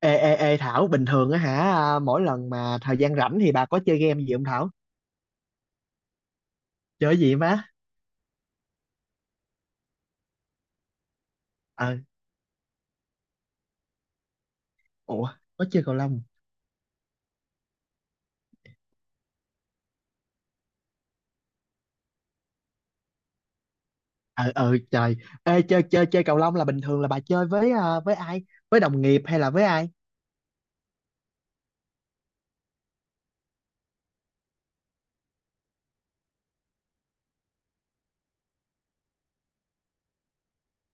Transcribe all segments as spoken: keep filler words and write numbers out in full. Ê, ê, ê Thảo, bình thường á hả, à, mỗi lần mà thời gian rảnh thì bà có chơi game gì không Thảo? Chơi gì má? Ờ, ủa, có chơi cầu lông. Ờ, ờ, trời. Ê, chơi, chơi, chơi cầu lông là bình thường là bà chơi với à, với ai? Với đồng nghiệp hay là với ai?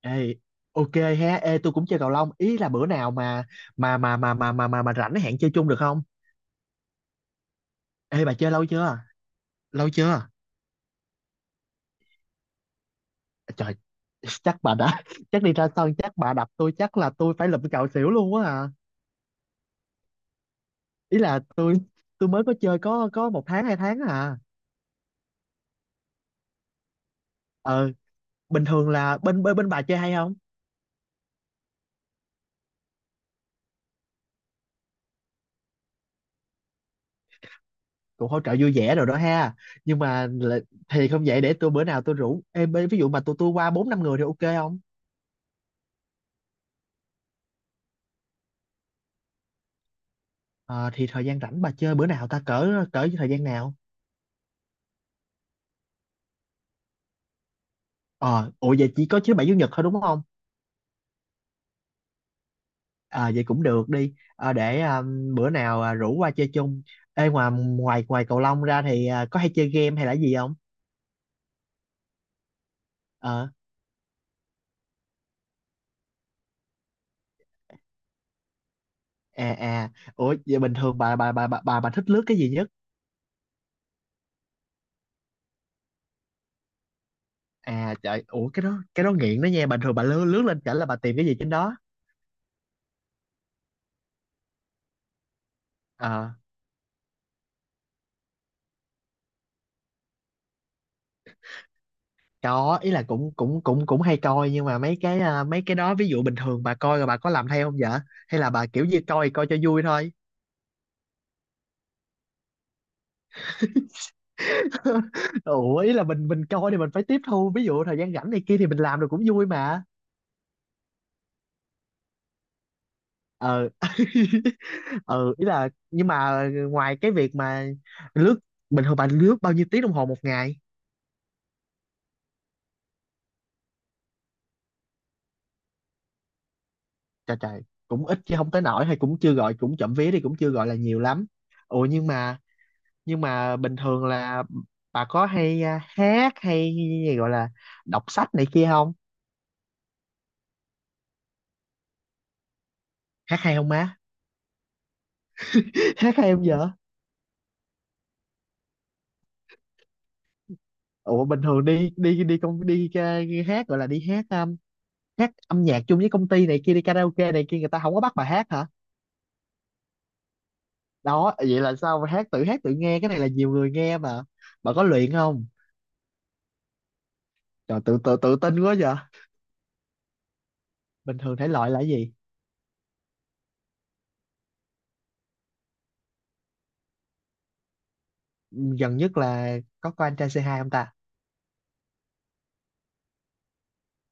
Ê, ok ha, ê, tôi cũng chơi cầu lông. Ý là bữa nào mà, mà, mà, mà, mà, mà, mà, mà rảnh hẹn chơi chung được không? Ê, bà chơi lâu chưa? Lâu chưa? Trời, chắc bà đã, chắc đi ra sân, chắc bà đập tôi, chắc là tôi phải lụm cạo xỉu luôn á à. Ý là tôi tôi mới có chơi có có một tháng hai tháng à ờ Bình thường là bên bên bên bà chơi hay không? Cũng hỗ trợ vui vẻ rồi đó ha. Nhưng mà là- thì không, vậy để tôi bữa nào tôi rủ em, ví dụ mà tôi tôi qua bốn năm người thì ok không? ờ thì thời gian rảnh bà chơi bữa nào ta, cỡ cỡ thời gian nào? ờ Ủa vậy chỉ có thứ bảy chủ nhật thôi đúng không? À vậy cũng được đi, ờ để à, bữa nào à, rủ qua chơi chung. Ê, ngoài ngoài ngoài cầu lông ra thì à, có hay chơi game hay là gì không? Ờ. À, à. Ủa vậy bình thường bà bà bà bà bà, bà thích lướt cái gì nhất? À trời, ủa, cái đó cái đó nghiện đó nha. Bình thường bà lướt lướt lên chảnh là bà tìm cái gì trên đó? Ờ, có, ý là cũng cũng cũng cũng hay coi, nhưng mà mấy cái à, mấy cái đó ví dụ bình thường bà coi rồi bà có làm theo không vậy? Hay là bà kiểu như coi coi cho vui thôi? Ủa ý là mình mình coi thì mình phải tiếp thu, ví dụ thời gian rảnh này kia thì mình làm được cũng vui mà. Ờ. Ừ, ý là nhưng mà ngoài cái việc mà lướt, bình thường bà lướt bao nhiêu tiếng đồng hồ một ngày? Trời trời. Cũng ít chứ không tới nổi, hay cũng chưa gọi, cũng chậm vía đi cũng chưa gọi là nhiều lắm. Ủa nhưng mà nhưng mà bình thường là bà có hay à, hát hay gì gọi là đọc sách này kia không? Hát hay không má? Hát hay không vợ? Ủa bình thường đi đi đi công đi, à, hát gọi là đi hát um, hát âm nhạc chung với công ty này kia đi karaoke này kia người ta không có bắt bà hát hả? Đó vậy là sao mà hát tự hát tự nghe, cái này là nhiều người nghe mà. Bà có luyện không? Trời, tự tự tự tin quá vậy. Bình thường thể loại là cái gì? Gần nhất là có coi anh trai xê hai không ta?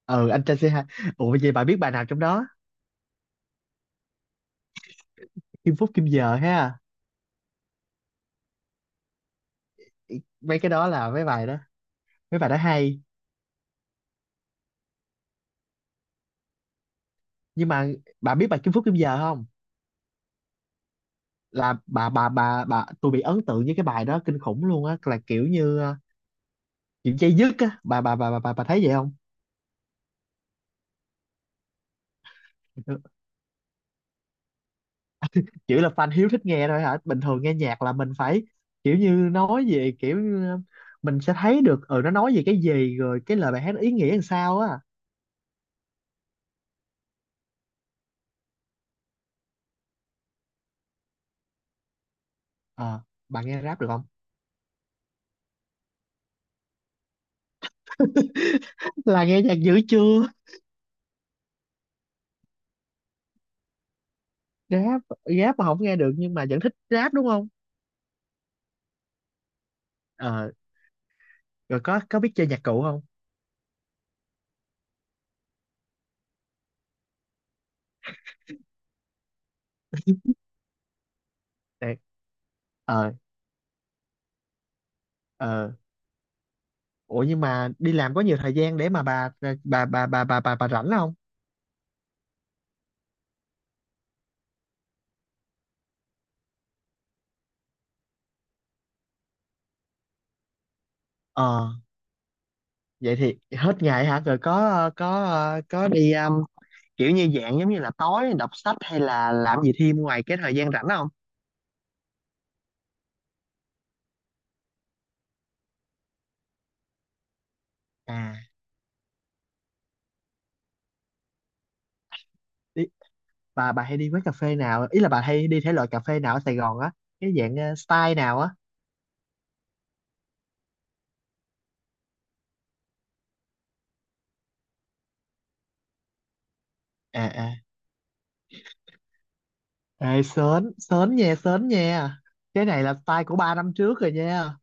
Ừ, anh trai xê hai. Ủa vậy bà biết bài nào trong đó? Kim Phúc Kim Giờ ha? Mấy cái đó là mấy bài đó. Mấy bài đó hay. Nhưng mà bà biết bài Kim Phúc Kim Giờ không? Là bà bà bà bà tôi bị ấn tượng với cái bài đó kinh khủng luôn á, là kiểu như ờ, kiểu dây dứt á. Bà bà bà bà bà, bà thấy vậy không? Kiểu là fan hiếu thích nghe thôi hả? Bình thường nghe nhạc là mình phải kiểu như nói về kiểu như, ờ, mình sẽ thấy được ừ nó nói về cái gì rồi cái lời bài hát ý nghĩa làm sao á. Ờ. Bà nghe rap được không? Là nghe nhạc dữ chưa? Rap, rap mà không nghe được nhưng mà vẫn thích rap đúng không? Ờ. Rồi có có biết chơi nhạc cụ không? Để. Ờ. Ờ. Ủa nhưng mà đi làm có nhiều thời gian để mà bà bà bà bà bà bà, bà rảnh không? ờ Vậy thì hết ngày hả, rồi có ờ, có ờ, có đi um, kiểu như dạng giống như là tối đọc sách hay là làm gì thêm ngoài cái thời gian rảnh không à? Đi, bà bà hay đi quán cà phê nào, ý là bà hay đi thể loại cà phê nào ở Sài Gòn á? Cái dạng ờ, style nào á? À à. Ê, sến, sến nha, sến nha. Cái này là style của ba năm trước rồi nha.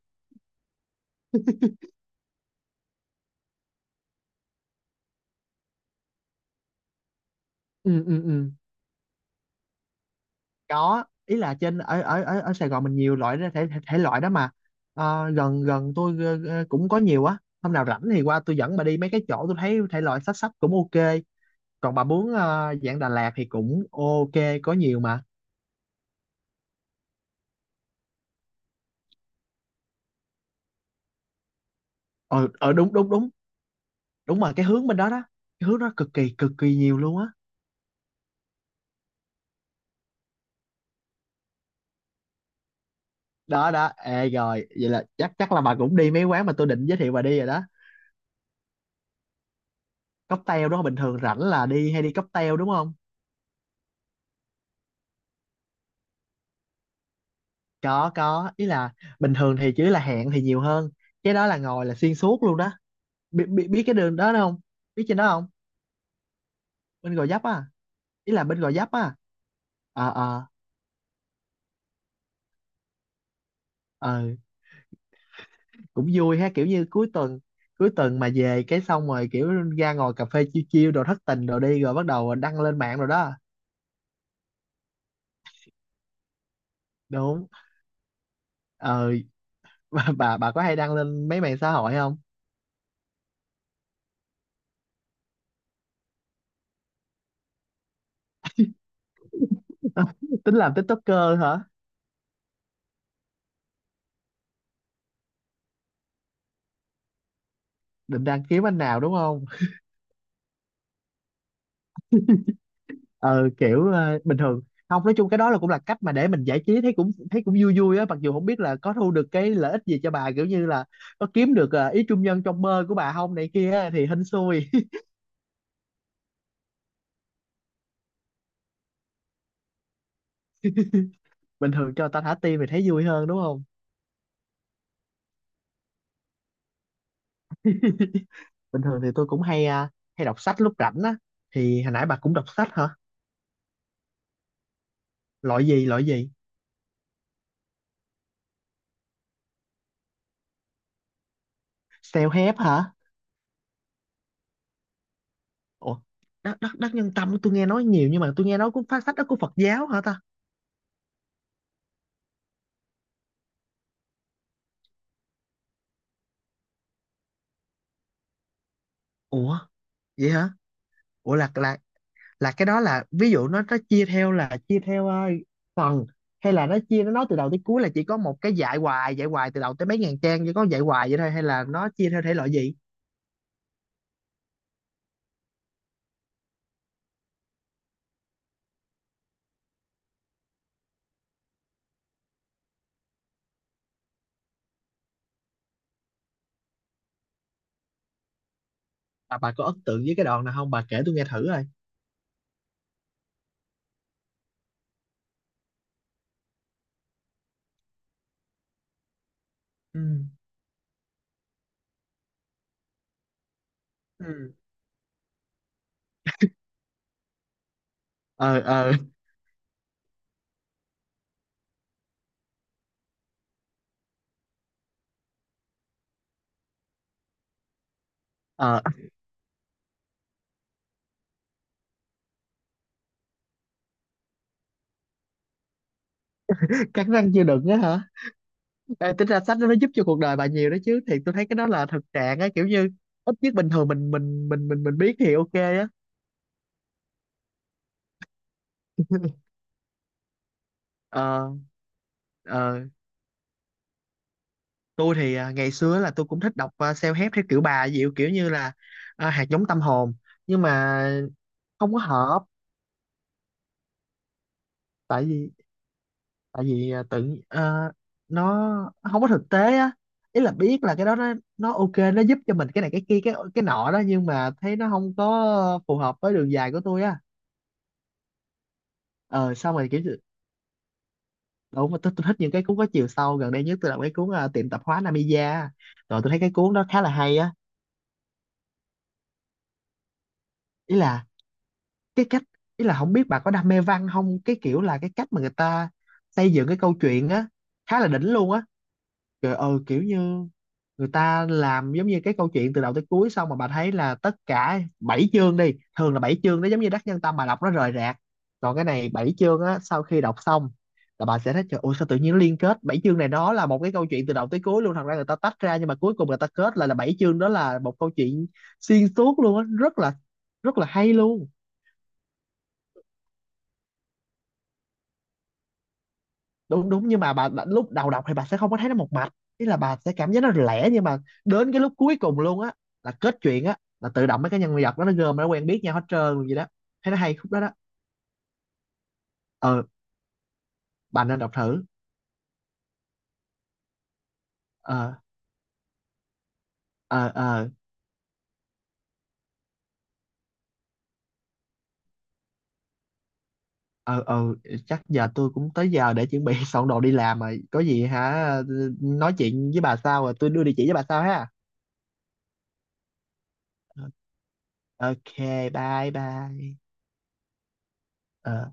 Ừ ừ ừ. Có, ý là trên ở ở ở, ở Sài Gòn mình nhiều loại đó, thể, thể thể loại đó mà. Ờ, gần gần tôi ờ, ờ, cũng có nhiều á. Hôm nào rảnh thì qua tôi dẫn bà đi mấy cái chỗ tôi thấy thể loại sách sách cũng ok. Còn bà muốn ờ, dạng Đà Lạt thì cũng ok, có nhiều mà. Ờ ờ đúng đúng đúng, đúng mà cái hướng bên đó đó. Cái hướng đó cực kỳ cực kỳ nhiều luôn á. Đó đó, ê rồi, vậy là chắc chắc là bà cũng đi mấy quán mà tôi định giới thiệu bà đi rồi đó. Cocktail đúng không, bình thường rảnh là đi hay đi cocktail đúng không? Có có, ý là bình thường thì chỉ là hẹn thì nhiều hơn, cái đó là ngồi là xuyên suốt luôn đó. Biết biết biết cái đường đó không? Biết trên đó không? Bên Gò Vấp á. Ý là bên Gò Vấp á. Ờ ờ ờ. Cũng vui ha, kiểu như cuối tuần, cuối tuần mà về cái xong rồi kiểu ra ngồi cà phê chiêu chiêu đồ thất tình đồ đi rồi bắt đầu đăng lên mạng rồi đó. Đúng. Ờ. bà bà, bà có hay đăng lên mấy mạng xã hội không? Tính làm TikToker hả? Định đăng kiếm anh nào đúng không? ờ Kiểu ờ, bình thường không, nói chung cái đó là cũng là cách mà để mình giải trí, thấy cũng thấy cũng vui vui á, mặc dù không biết là có thu được cái lợi ích gì cho bà kiểu như là có kiếm được ờ, ý trung nhân trong mơ của bà không này kia á, thì hên xui. Bình thường cho ta thả tim thì thấy vui hơn đúng không? Bình thường thì tôi cũng hay à, hay đọc sách lúc rảnh á. Thì hồi nãy bà cũng đọc sách hả? Loại gì loại gì? Self help hả? Ủa, đắc đắc đắc nhân tâm tôi nghe nói nhiều nhưng mà tôi nghe nói cũng phát sách đó của Phật giáo hả ta? Ủa vậy hả? Ủa là là là cái đó là ví dụ nó nó chia theo là chia theo ờ, phần, hay là nó chia nó nói từ đầu tới cuối là chỉ có một cái dạy hoài dạy hoài từ đầu tới mấy ngàn trang chỉ có dạy hoài vậy thôi hay là nó chia theo thể loại gì? Bà bà có ấn tượng với cái đoạn nào không, bà kể tôi nghe thử rồi. Ừ. Ừ. Ờ ờ ờ. Cắn răng chưa đựng á hả? Ê, tính ra sách đó nó giúp cho cuộc đời bà nhiều đó chứ, thì tôi thấy cái đó là thực trạng á, kiểu như ít nhất bình thường mình mình mình mình mình biết thì ok á. Ờ. Ờ. Tôi thì à, ngày xưa là tôi cũng thích đọc à, self-help theo kiểu bà dịu kiểu như là à, hạt giống tâm hồn, nhưng mà không có hợp. Tại vì tại vì à, tự à, nó nó không có thực tế á. Ý là biết là cái đó nó nó ok, nó giúp cho mình cái này cái kia cái cái nọ đó, nhưng mà thấy nó không có phù hợp với đường dài của tôi á. Ờ xong rồi kiểu như- đúng mà tôi, tôi thích những cái cuốn có chiều sâu. Gần đây nhất tôi đọc cái cuốn à, tiệm tạp hóa Namiya, rồi tôi thấy cái cuốn đó khá là hay á. Ý là cái cách, ý là không biết bà có đam mê văn không, cái kiểu là cái cách mà người ta xây dựng cái câu chuyện á, khá là đỉnh luôn á. Trời ơi kiểu như người ta làm giống như cái câu chuyện từ đầu tới cuối xong mà bà thấy là tất cả bảy chương đi, thường là bảy chương nó giống như Đắc Nhân Tâm bà đọc nó rời rạc. Còn cái này bảy chương á, sau khi đọc xong là bà sẽ thấy trời ơi sao tự nhiên nó liên kết bảy chương này nó là một cái câu chuyện từ đầu tới cuối luôn. Thật ra người ta tách ra nhưng mà cuối cùng người ta kết lại là bảy chương đó là một câu chuyện xuyên suốt luôn á, rất là rất là hay luôn. Đúng đúng, nhưng mà bà, bà lúc đầu đọc thì bà sẽ không có thấy nó một mạch, ý là bà sẽ cảm giác nó lẻ, nhưng mà đến cái lúc cuối cùng luôn á, là kết chuyện á, là tự động mấy cái nhân vật đó nó gom nó quen biết nhau hết trơn gì đó, thấy nó hay khúc đó đó. Ờ. Bà nên đọc thử. Ờ ờ ờ ờ ờ. Chắc giờ tôi cũng tới giờ để chuẩn bị soạn đồ đi làm rồi có gì hả, nói chuyện với bà sau rồi tôi đưa địa chỉ với bà sau ha. Ờ, ok, bye bye. Ờ.